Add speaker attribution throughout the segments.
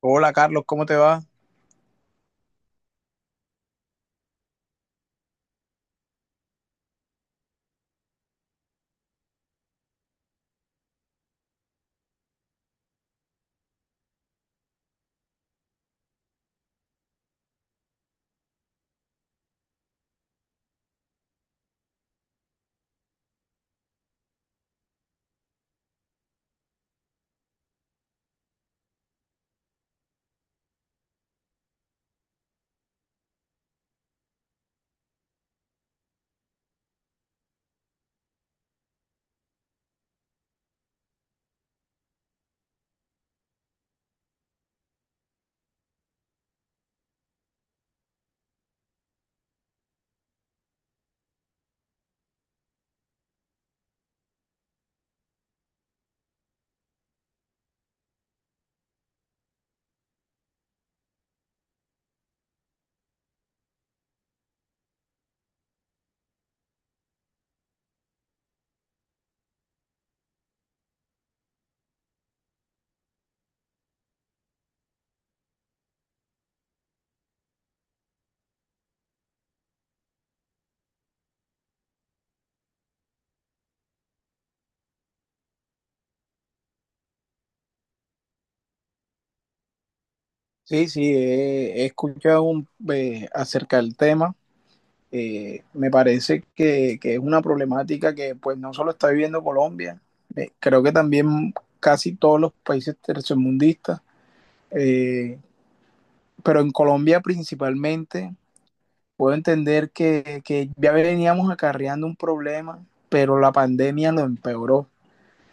Speaker 1: Hola Carlos, ¿cómo te va? Sí, sí, he escuchado un, acerca del tema. Me parece que es una problemática que pues no solo está viviendo Colombia, creo que también casi todos los países tercermundistas, eh, pero en Colombia principalmente puedo entender que ya veníamos acarreando un problema, pero la pandemia lo empeoró.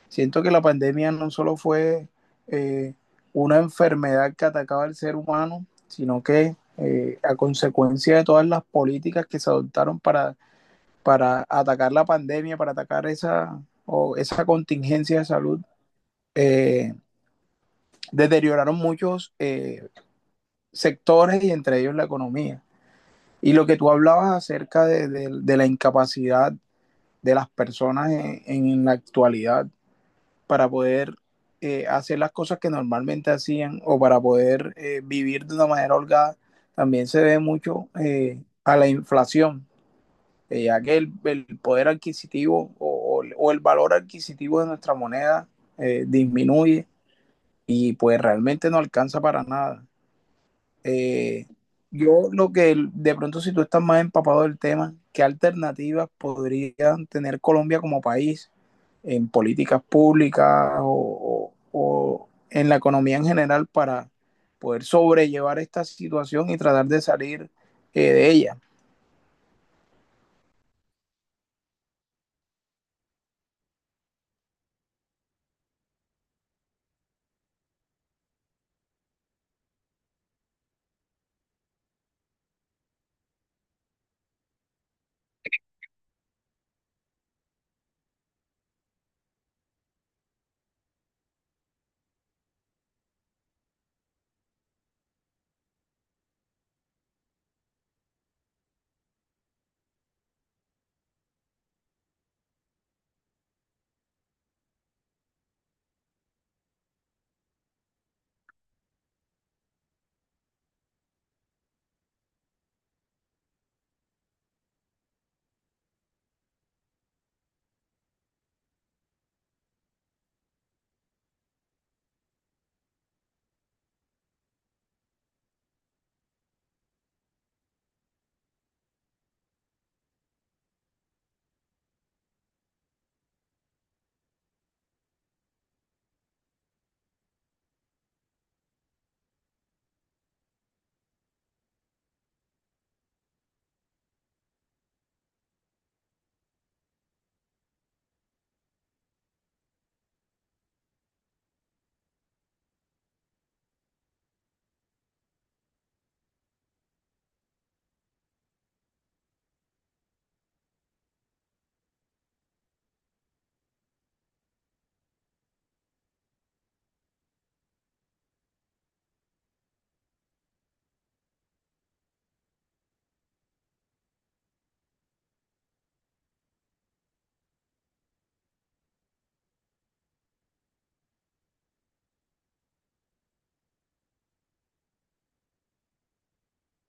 Speaker 1: Siento que la pandemia no solo fue eh, una enfermedad que atacaba al ser humano, sino que a consecuencia de todas las políticas que se adoptaron para atacar la pandemia, para atacar esa, o esa contingencia de salud, eh, deterioraron muchos sectores y entre ellos la economía. Y lo que tú hablabas acerca de la incapacidad de las personas en la actualidad para poder hacer las cosas que normalmente hacían o para poder vivir de una manera holgada, también se debe mucho a la inflación, ya que poder adquisitivo el valor adquisitivo de nuestra moneda disminuye y pues realmente no alcanza para nada. Eh, yo lo que de pronto si tú estás más empapado del tema, ¿qué alternativas podrían tener Colombia como país en políticas públicas o en la economía en general para poder sobrellevar esta situación y tratar de salir de ella?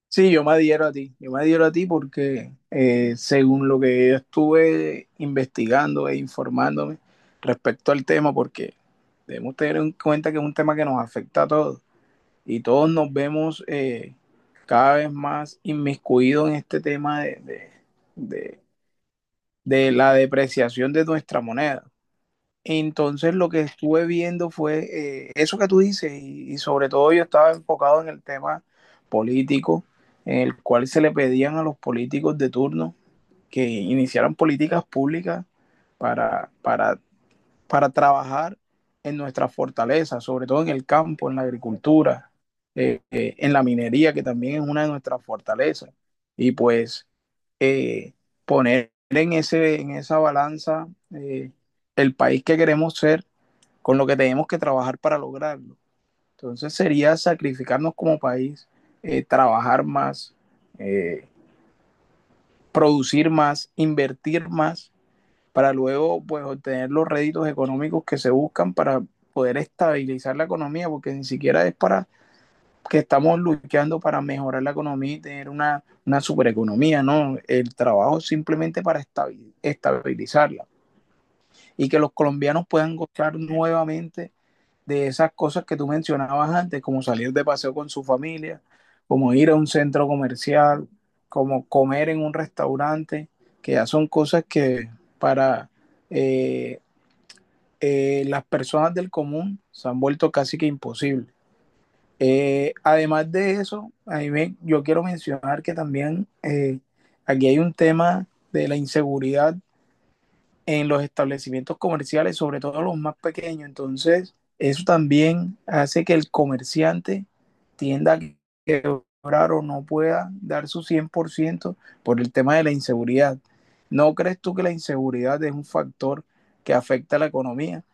Speaker 1: Sí, yo me adhiero a ti, yo me adhiero a ti porque según lo que yo estuve investigando e informándome respecto al tema, porque debemos tener en cuenta que es un tema que nos afecta a todos y todos nos vemos cada vez más inmiscuidos en este tema de, la depreciación de nuestra moneda. Entonces lo que estuve viendo fue eso que tú dices sobre todo yo estaba enfocado en el tema político, en el cual se le pedían a los políticos de turno que iniciaran políticas públicas para, para para trabajar en nuestra fortaleza, sobre todo en el campo, en la agricultura, en la minería, que también es una de nuestras fortalezas. Y pues eh, poner en, ese, en esa balanza, eh, el país que queremos ser con lo que tenemos que trabajar para lograrlo. Entonces sería sacrificarnos como país, trabajar más, eh, producir más, invertir más para luego pues obtener los réditos económicos que se buscan para poder estabilizar la economía, porque ni siquiera es para que estamos luchando para mejorar la economía y tener una supereconomía, no, el trabajo es simplemente para estabilizarla y que los colombianos puedan gozar nuevamente de esas cosas que tú mencionabas antes, como salir de paseo con su familia, como ir a un centro comercial, como comer en un restaurante, que ya son cosas que para eh, las personas del común se han vuelto casi que imposibles. Además de eso, a mí me- yo quiero mencionar que también aquí hay un tema de la inseguridad en los establecimientos comerciales, sobre todo los más pequeños. Entonces, eso también hace que el comerciante tienda a quebrar o no pueda dar su 100% por ciento por el tema de la inseguridad. ¿No crees tú que la inseguridad es un factor que afecta a la economía?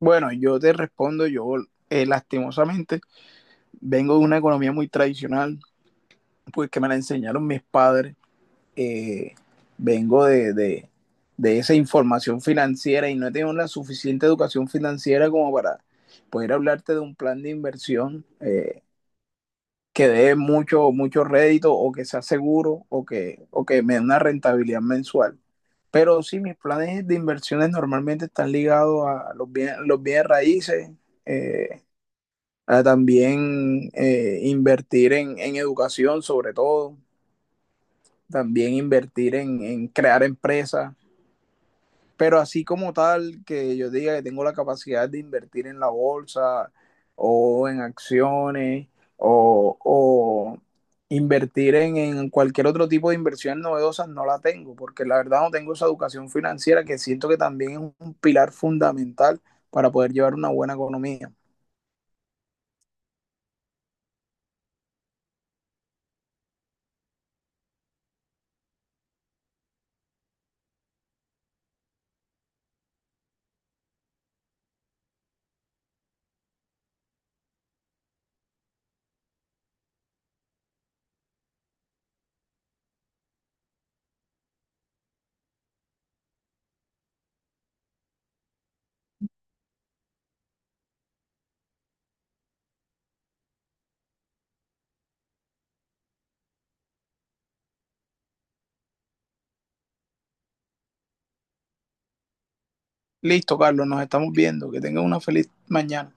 Speaker 1: Bueno, yo te respondo, yo lastimosamente vengo de una economía muy tradicional, pues que me la enseñaron mis padres, eh, vengo de esa información financiera y no he tenido la suficiente educación financiera como para poder hablarte de un plan de inversión que dé mucho, mucho rédito o que sea seguro o o que me dé una rentabilidad mensual. Pero sí, mis planes de inversiones normalmente están ligados a los bienes raíces, eh, a también invertir educación sobre todo, también invertir en crear empresas, pero así como tal que yo diga que tengo la capacidad de invertir en la bolsa o en acciones o invertir cualquier otro tipo de inversión novedosas no la tengo, porque la verdad no tengo esa educación financiera que siento que también es un pilar fundamental para poder llevar una buena economía. Listo, Carlos, nos estamos viendo. Que tengan una feliz mañana.